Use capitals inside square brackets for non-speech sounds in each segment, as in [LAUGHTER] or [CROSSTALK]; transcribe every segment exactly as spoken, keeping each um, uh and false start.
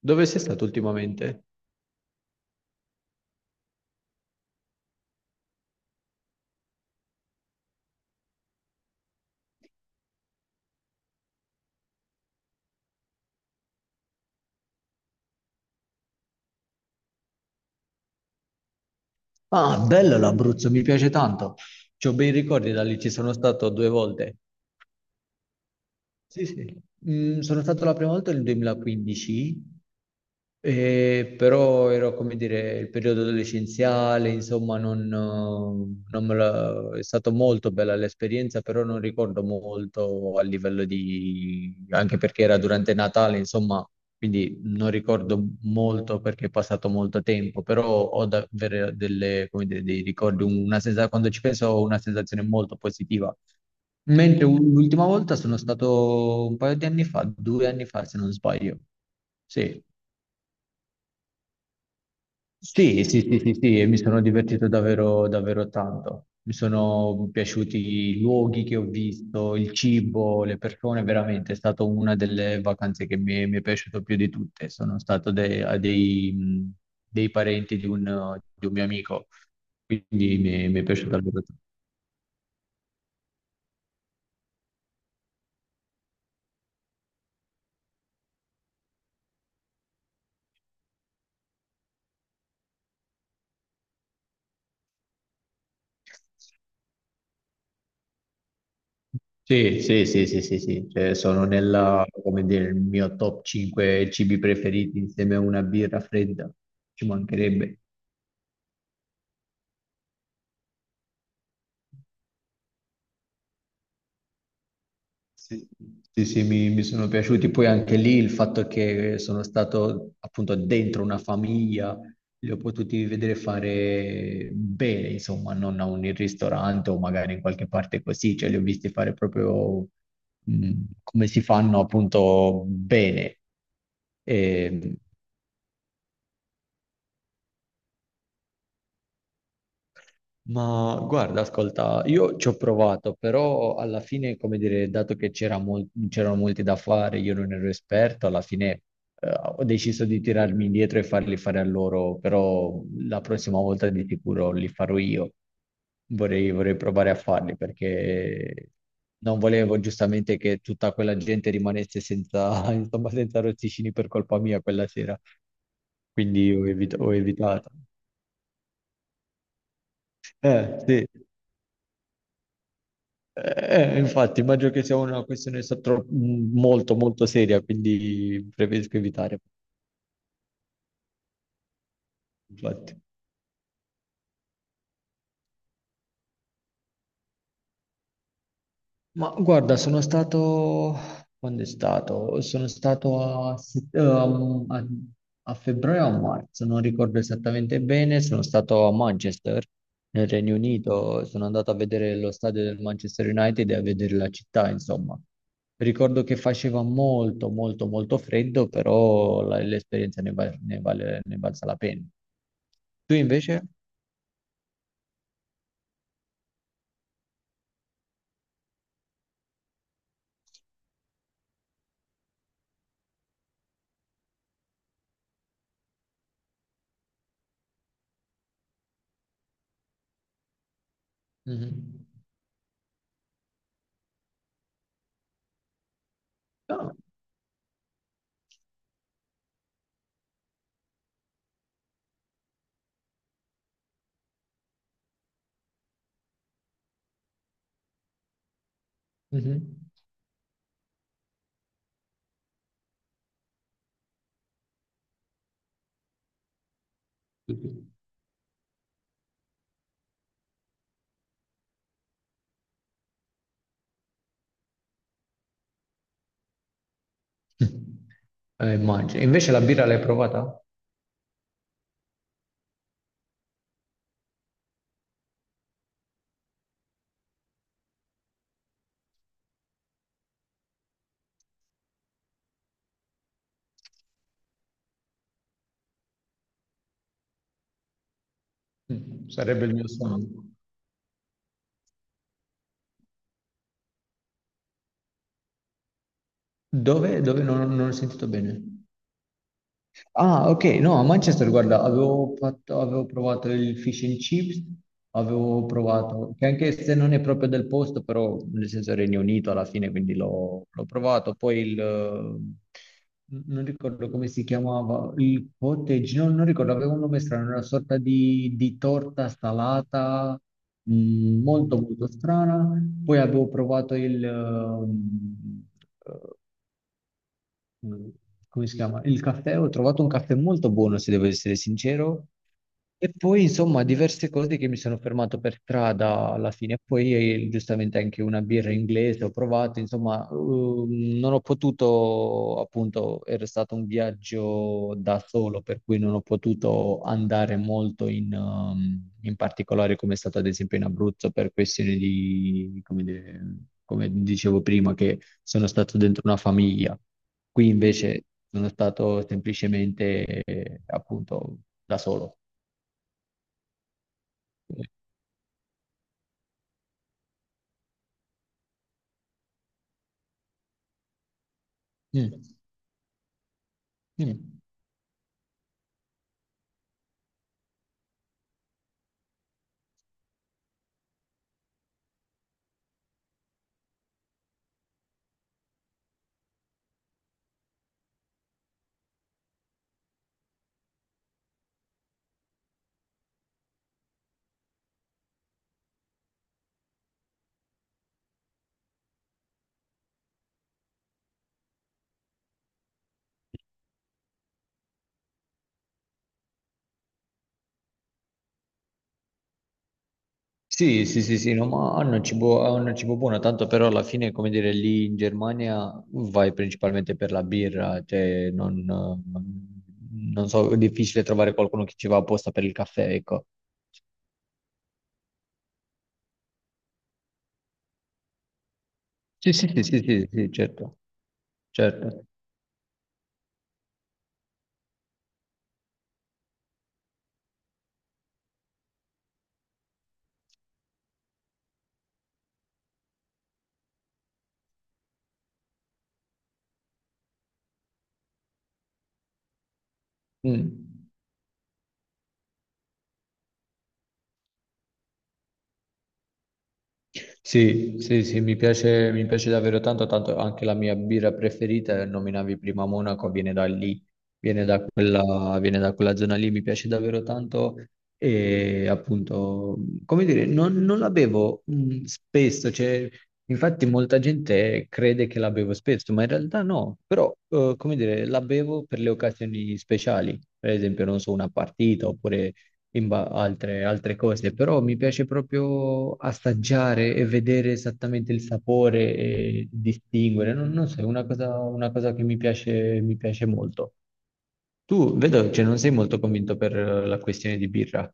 Dove sei stato ultimamente? Ah, bello l'Abruzzo, mi piace tanto. C'ho bei ricordi da lì, ci sono stato due volte. Sì, sì. Mm, sono stato la prima volta nel duemilaquindici. E però era come dire il periodo adolescenziale, insomma, non, eh, non me la- è stata molto bella l'esperienza, però non ricordo molto a livello di, anche perché era durante Natale, insomma, quindi non ricordo molto perché è passato molto tempo, però ho davvero delle, come dire, dei ricordi, una sensa- quando ci penso ho una sensazione molto positiva. Mentre u- l'ultima volta sono stato un paio di anni fa, due anni fa se non sbaglio. Sì. Sì, sì, sì, sì, sì, e mi sono divertito davvero, davvero tanto. Mi sono piaciuti i luoghi che ho visto, il cibo, le persone, veramente è stata una delle vacanze che mi è, mi è piaciuto più di tutte. Sono stato de- a dei, mh, dei parenti di un, di un mio amico, quindi mi è, mi è piaciuto davvero tanto. Sì, sì, sì, sì, sì, sì. Cioè, sono nella, come dire, il mio top cinque cibi preferiti insieme a una birra fredda, ci mancherebbe. Sì, sì, sì, mi, mi sono piaciuti. Poi anche lì il fatto che sono stato appunto dentro una famiglia, li ho potuti vedere fare bene, insomma, non a un ristorante o magari in qualche parte così, cioè li ho visti fare proprio mh, come si fanno appunto bene. Ehm, Ma guarda, ascolta, io ci ho provato, però alla fine, come dire, dato che c'era mol- c'erano molti da fare, io non ero esperto, alla fine eh, ho deciso di tirarmi indietro e farli fare a loro, però la prossima volta di sicuro li farò io. Vorrei, vorrei provare a farli perché non volevo giustamente che tutta quella gente rimanesse senza, [LAUGHS] insomma, senza rossicini per colpa mia quella sera, quindi ho evit- ho evitato. Eh, sì. Eh, eh, infatti, immagino che sia una questione so- tro- molto, molto seria, quindi preferisco evitare. Infatti. Ma guarda, sono stato... Quando è stato? Sono stato a, set- um, a- a febbraio o a marzo, non ricordo esattamente bene, sono stato a Manchester, nel Regno Unito, sono andato a vedere lo stadio del Manchester United e a vedere la città, insomma. Ricordo che faceva molto, molto, molto freddo, però la- l'esperienza ne, va- ne vale, ne valsa la pena. Tu invece? Mhm. Ah, mhm. Eh, immagino. Invece la birra l'hai provata? Mm, Sarebbe il mio sogno. Dove? Dove? Non, non ho sentito bene. Ah, ok, no, a Manchester, guarda, avevo fatto- avevo provato il fish and chips, avevo provato, che anche se non è proprio del posto, però nel senso Regno Unito alla fine, quindi l'ho l'ho provato. Poi il, eh, non ricordo come si chiamava, il cottage, no, non ricordo, aveva un nome strano, era una sorta di, di, torta salata, mh, molto molto strana. Poi avevo provato il, ehm, mm, come si chiama? Il caffè, ho trovato un caffè molto buono, se devo essere sincero, e poi, insomma, diverse cose che mi sono fermato per strada alla fine. E poi, eh, giustamente, anche una birra inglese ho provato. Insomma, ehm, non ho potuto, appunto, era stato un viaggio da solo, per cui non ho potuto andare molto in, ehm, in particolare, come è stato ad esempio in Abruzzo, per questioni di, come, dire, come dicevo prima, che sono stato dentro una famiglia. Qui invece sono stato semplicemente, eh, appunto, da solo. Mm, mm. Sì, sì, sì, sì, no, ma hanno il cibo, hanno il cibo buono, tanto però alla fine, come dire, lì in Germania vai principalmente per la birra, cioè non, eh, non so, è difficile trovare qualcuno che ci va apposta per il caffè, ecco. Sì, sì, sì, sì, sì, sì, certo, certo. Mm. Sì, sì, sì, mi piace, mi piace davvero tanto, tanto anche la mia birra preferita, eh, nominavi prima Monaco, viene da lì, viene da quella, viene da quella zona lì, mi piace davvero tanto e appunto, come dire, non, non la bevo mh, spesso, cioè, infatti molta gente crede che la bevo spesso, ma in realtà no, però eh, come dire, la bevo per le occasioni speciali, per esempio, non so, una partita oppure in ba- altre, altre cose, però mi piace proprio assaggiare e vedere esattamente il sapore e distinguere. Non, non so, è una cosa, una cosa che mi piace, mi piace molto. Tu vedo che non sei molto convinto per eh, la questione di birra.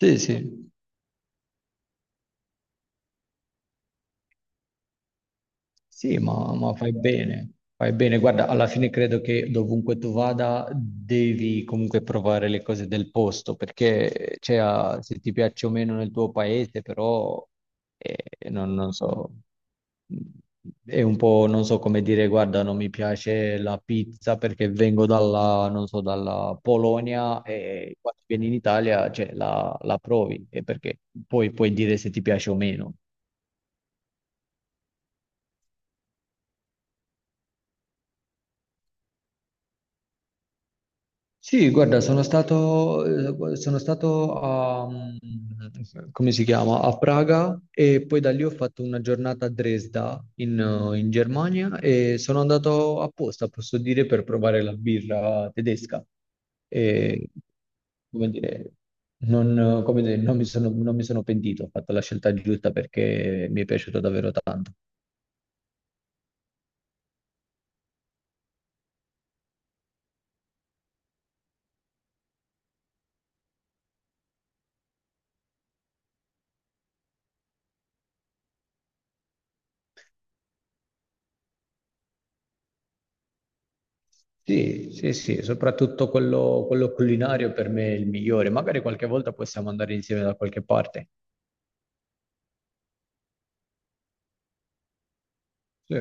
Sì, sì. Sì, ma, ma fai bene, fai bene. Guarda, alla fine credo che dovunque tu vada devi comunque provare le cose del posto, perché cioè, ah, se ti piace o meno nel tuo paese, però eh, non, non so, è un po', non so come dire, guarda, non mi piace la pizza perché vengo dalla, non so, dalla Polonia e quando vieni in Italia, cioè, la, la provi, e perché poi puoi dire se ti piace o meno. Sì, guarda, sono stato, eh, sono stato a, mm, come si chiama? A Praga e poi da lì ho fatto una giornata a Dresda in, eh, in Germania e sono andato apposta, posso dire, per provare la birra tedesca. E, come dire, non, eh, come dire, non mi sono, non mi sono pentito, ho fatto la scelta giusta perché mi è piaciuto davvero tanto. Sì, sì, sì, soprattutto quello, quello culinario per me è il migliore. Magari qualche volta possiamo andare insieme da qualche parte. Sì.